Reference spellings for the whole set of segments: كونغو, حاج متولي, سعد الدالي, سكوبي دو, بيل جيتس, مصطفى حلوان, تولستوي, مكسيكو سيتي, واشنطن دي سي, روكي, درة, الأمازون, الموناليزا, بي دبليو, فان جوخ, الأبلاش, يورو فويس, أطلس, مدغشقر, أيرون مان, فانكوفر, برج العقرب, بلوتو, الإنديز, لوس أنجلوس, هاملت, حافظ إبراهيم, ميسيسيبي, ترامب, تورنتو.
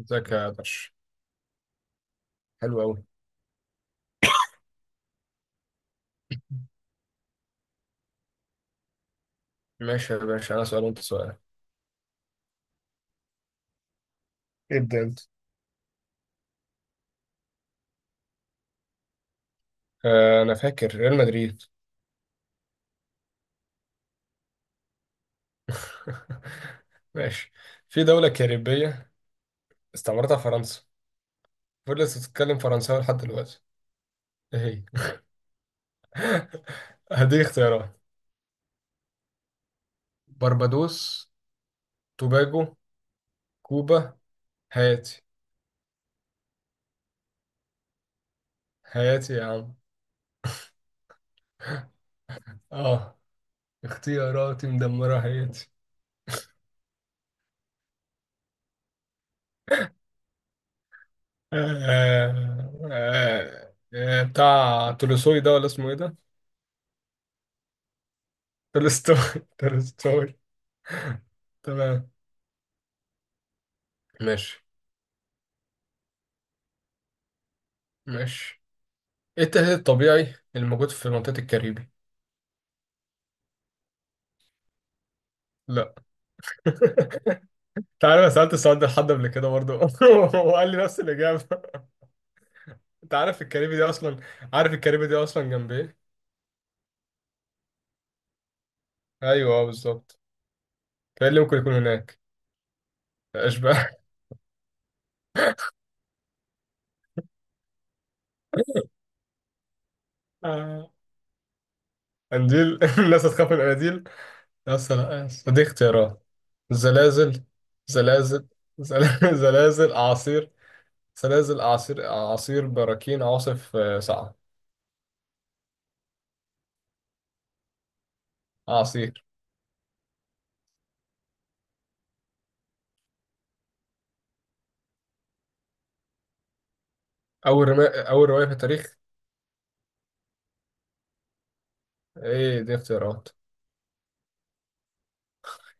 ازيك يا باشا. حلو قوي. ماشي يا باشا، انا سؤال وانت سؤال. ابدأ انت. انا فاكر ريال مدريد. ماشي. في دولة كاريبية استعمرتها فرنسا، فضلت تتكلم فرنساوي لحد دلوقتي. ايه هي؟ هديك اختيارات: بربادوس، توباجو، كوبا، هايتي. هايتي يا عم. اه، اختياراتي مدمرة هايتي. آه، بتاع تولوسوي ده ولا اسمه ايه ده؟ تولستوي. تولستوي. تمام. ماشي. ماشي، ايه التهديد الطبيعي الموجود في منطقة الكاريبي؟ لا. انت عارف انا سألت السؤال ده لحد قبل كده برضه، وقال لي نفس الإجابة. انت عارف الكاريبي دي اصلا، عارف الكاريبي دي اصلا جنب ايه؟ ايوه اه، بالظبط. فايه اللي ممكن يكون هناك؟ اشباح. آه. قنديل؟ الناس هتخاف من القناديل. بس لا بس، دي اختيارات. زلازل، زلازل، زلازل، اعاصير. سلاسل، أعاصير، أعاصير، براكين، عواصف، آه، صعب. أعاصير. أول رواية في التاريخ؟ إيه؟ دي اختيارات.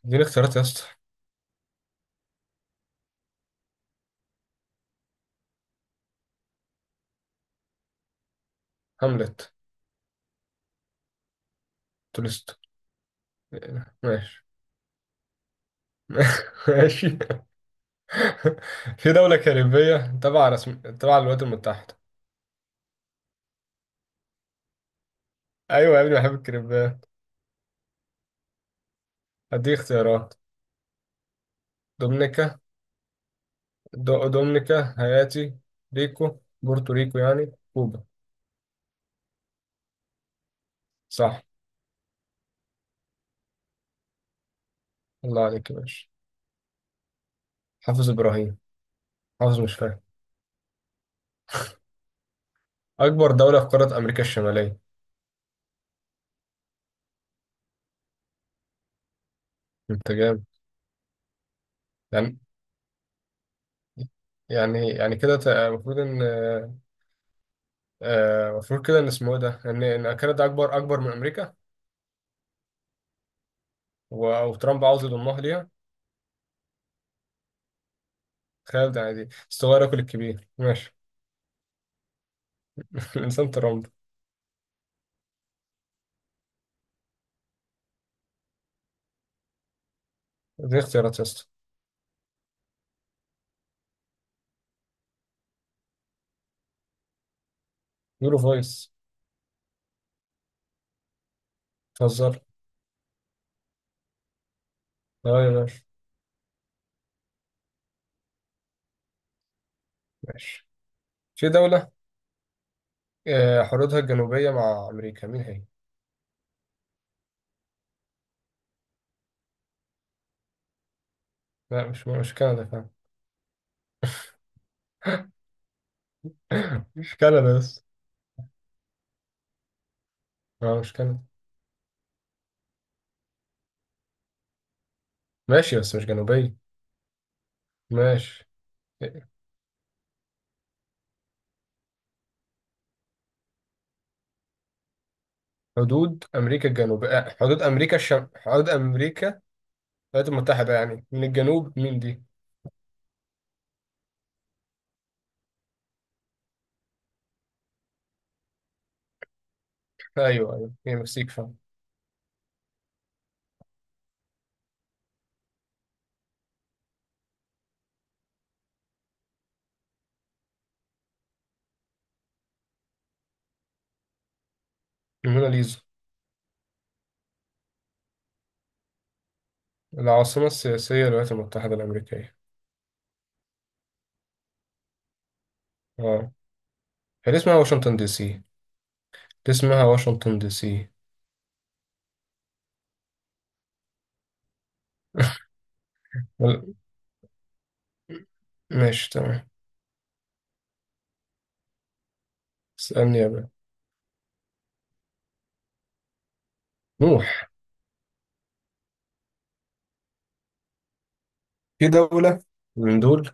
دي اختيارات يا اسطى. هاملت. تولستو. ماشي. ماشي. في دولة كاريبية تبع رسم تبع الولايات المتحدة. أيوة يا ابني، بحب الكاريبيات. هديك اختيارات: دومينيكا، دومينيكا، هايتي، ريكو، بورتوريكو يعني كوبا. صح. الله عليك يا باشا. حافظ إبراهيم. حافظ مش فاهم. أكبر دولة في قارة أمريكا الشمالية. انت جامد. يعني، يعني كده المفروض ان، آه، المفروض كده ان اسمه ايه ده، ان كندا اكبر من امريكا. وترامب عاوز يضمها ليها. تخيل ده، يعني دي الصغير ياكل الكبير. ماشي. الانسان ترامب. دي اختيارات يا اسطى. يورو فويس. بتهزر. اه يا باشا. ماشي. في دولة، آه، حدودها الجنوبية مع امريكا، مين هي؟ لا، مش كندا، فاهم. مش كندا بس. اه، مش كندا. ماشي، بس مش جنوبية. ماشي. حدود امريكا الجنوب، آه، حدود امريكا حدود امريكا الولايات المتحده يعني، من الجنوب مين دي؟ ايوه ايوه، هي المكسيك فعلا. الموناليزا. العاصمه السياسيه للولايات المتحده الامريكيه. اه. هي دي اسمها واشنطن دي سي. دي اسمها واشنطن دي سي. وال- ماشي، تمام. اسالني يا بابا. نوح. في دوله من دول،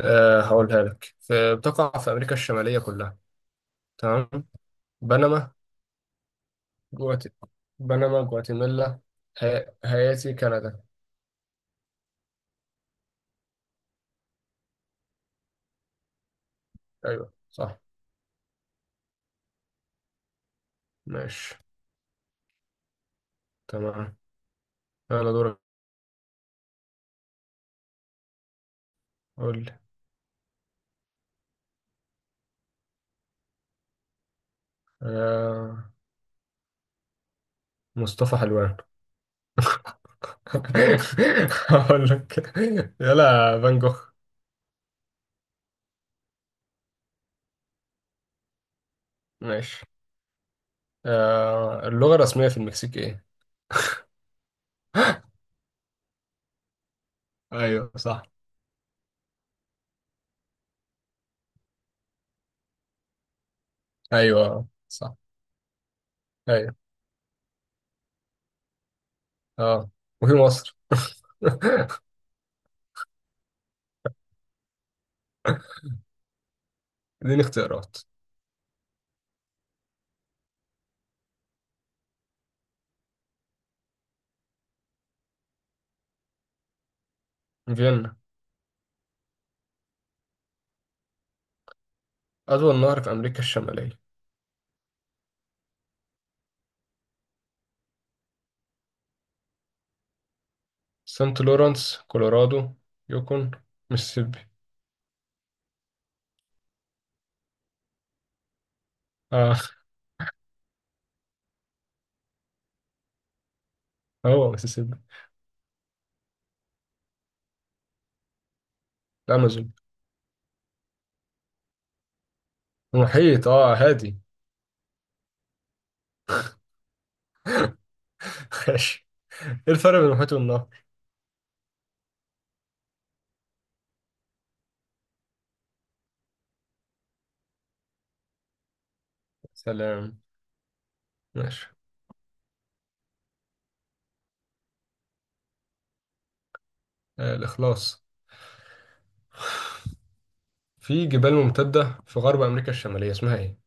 آه، هقولها لك، في بتقع في امريكا الشماليه كلها. تمام. بنما، جوات، بنما، جواتيمالا، هايتي، كندا. ايوه صح. ماشي، تمام. يلا دورك. قول لي. آه، مصطفى حلوان. هقول لك. يلا، فان جوخ. ماشي. آه، اللغة الرسمية في المكسيك ايه؟ ايوه صح. ايوه صح. ايوه. اه. وفي مصر. اديني اختيارات. فيينا. أطول نهر في أمريكا الشمالية. سانت لورانس، كولورادو، يوكون، ميسيسيبي. اه، هو ميسيسيبي. الأمازون. المحيط، اه، هادي. ماشي. ايه الفرق بين المحيط والنهر؟ سلام. ماشي. آه، الإخلاص. في جبال ممتدة في غرب أمريكا الشمالية، اسمها ايه؟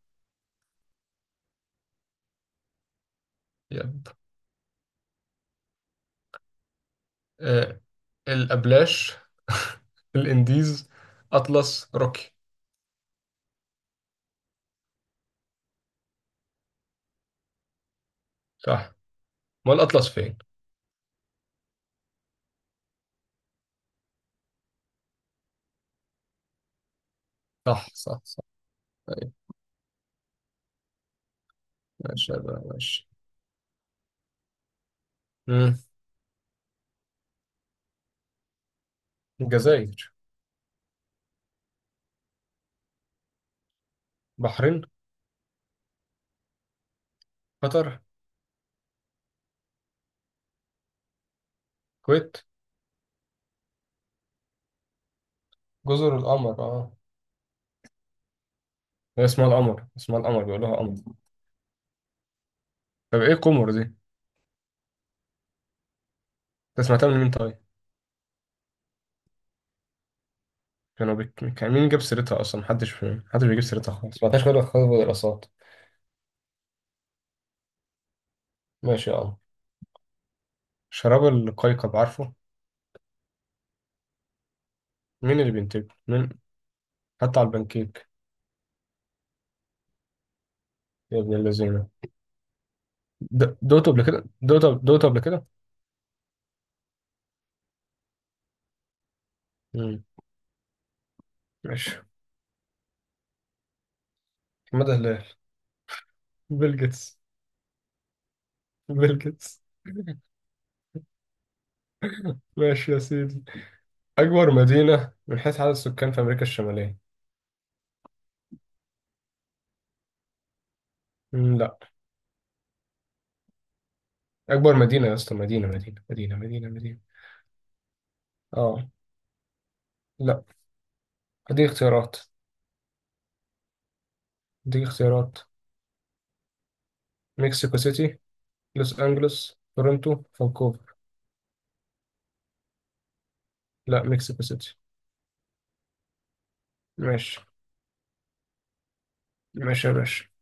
يب. آه، الأبلاش، الإنديز، أطلس، روكي. صح. ما الأطلس فين؟ صح صح صح. أيوة. ماشي، يبقى ماشي. مم. الجزائر. بحرين. قطر. الكويت. جزر القمر اه. هي اسمها القمر، اسمها القمر، بيقولوها قمر. طب ايه قمر دي؟ انت سمعتها من مين طيب؟ كان مين جاب سيرتها اصلا، محدش بيجيب سيرتها خالص، ما غير خالص دراسات. ماشي يا عم. شراب القيقب، عارفه؟ مين اللي بينتجه مين؟ حتى على البنكيك. يا ابن اللذينه. دوقته قبل كده، دوقته قبل كده. مم. ماشي. مدى هلال. بيل جيتس. بيل جيتس. ماشي يا سيدي. اكبر مدينه من حيث عدد السكان في امريكا الشماليه. مم، لا. اكبر مدينه يا اسطى، مدينه مدينه. اه. لا. اديك اختيارات. اديك اختيارات. مكسيكو سيتي، لوس أنجلوس، تورنتو، فانكوفر. لا، مكسيكو سيتي. ماشي. ماشي يا باشا.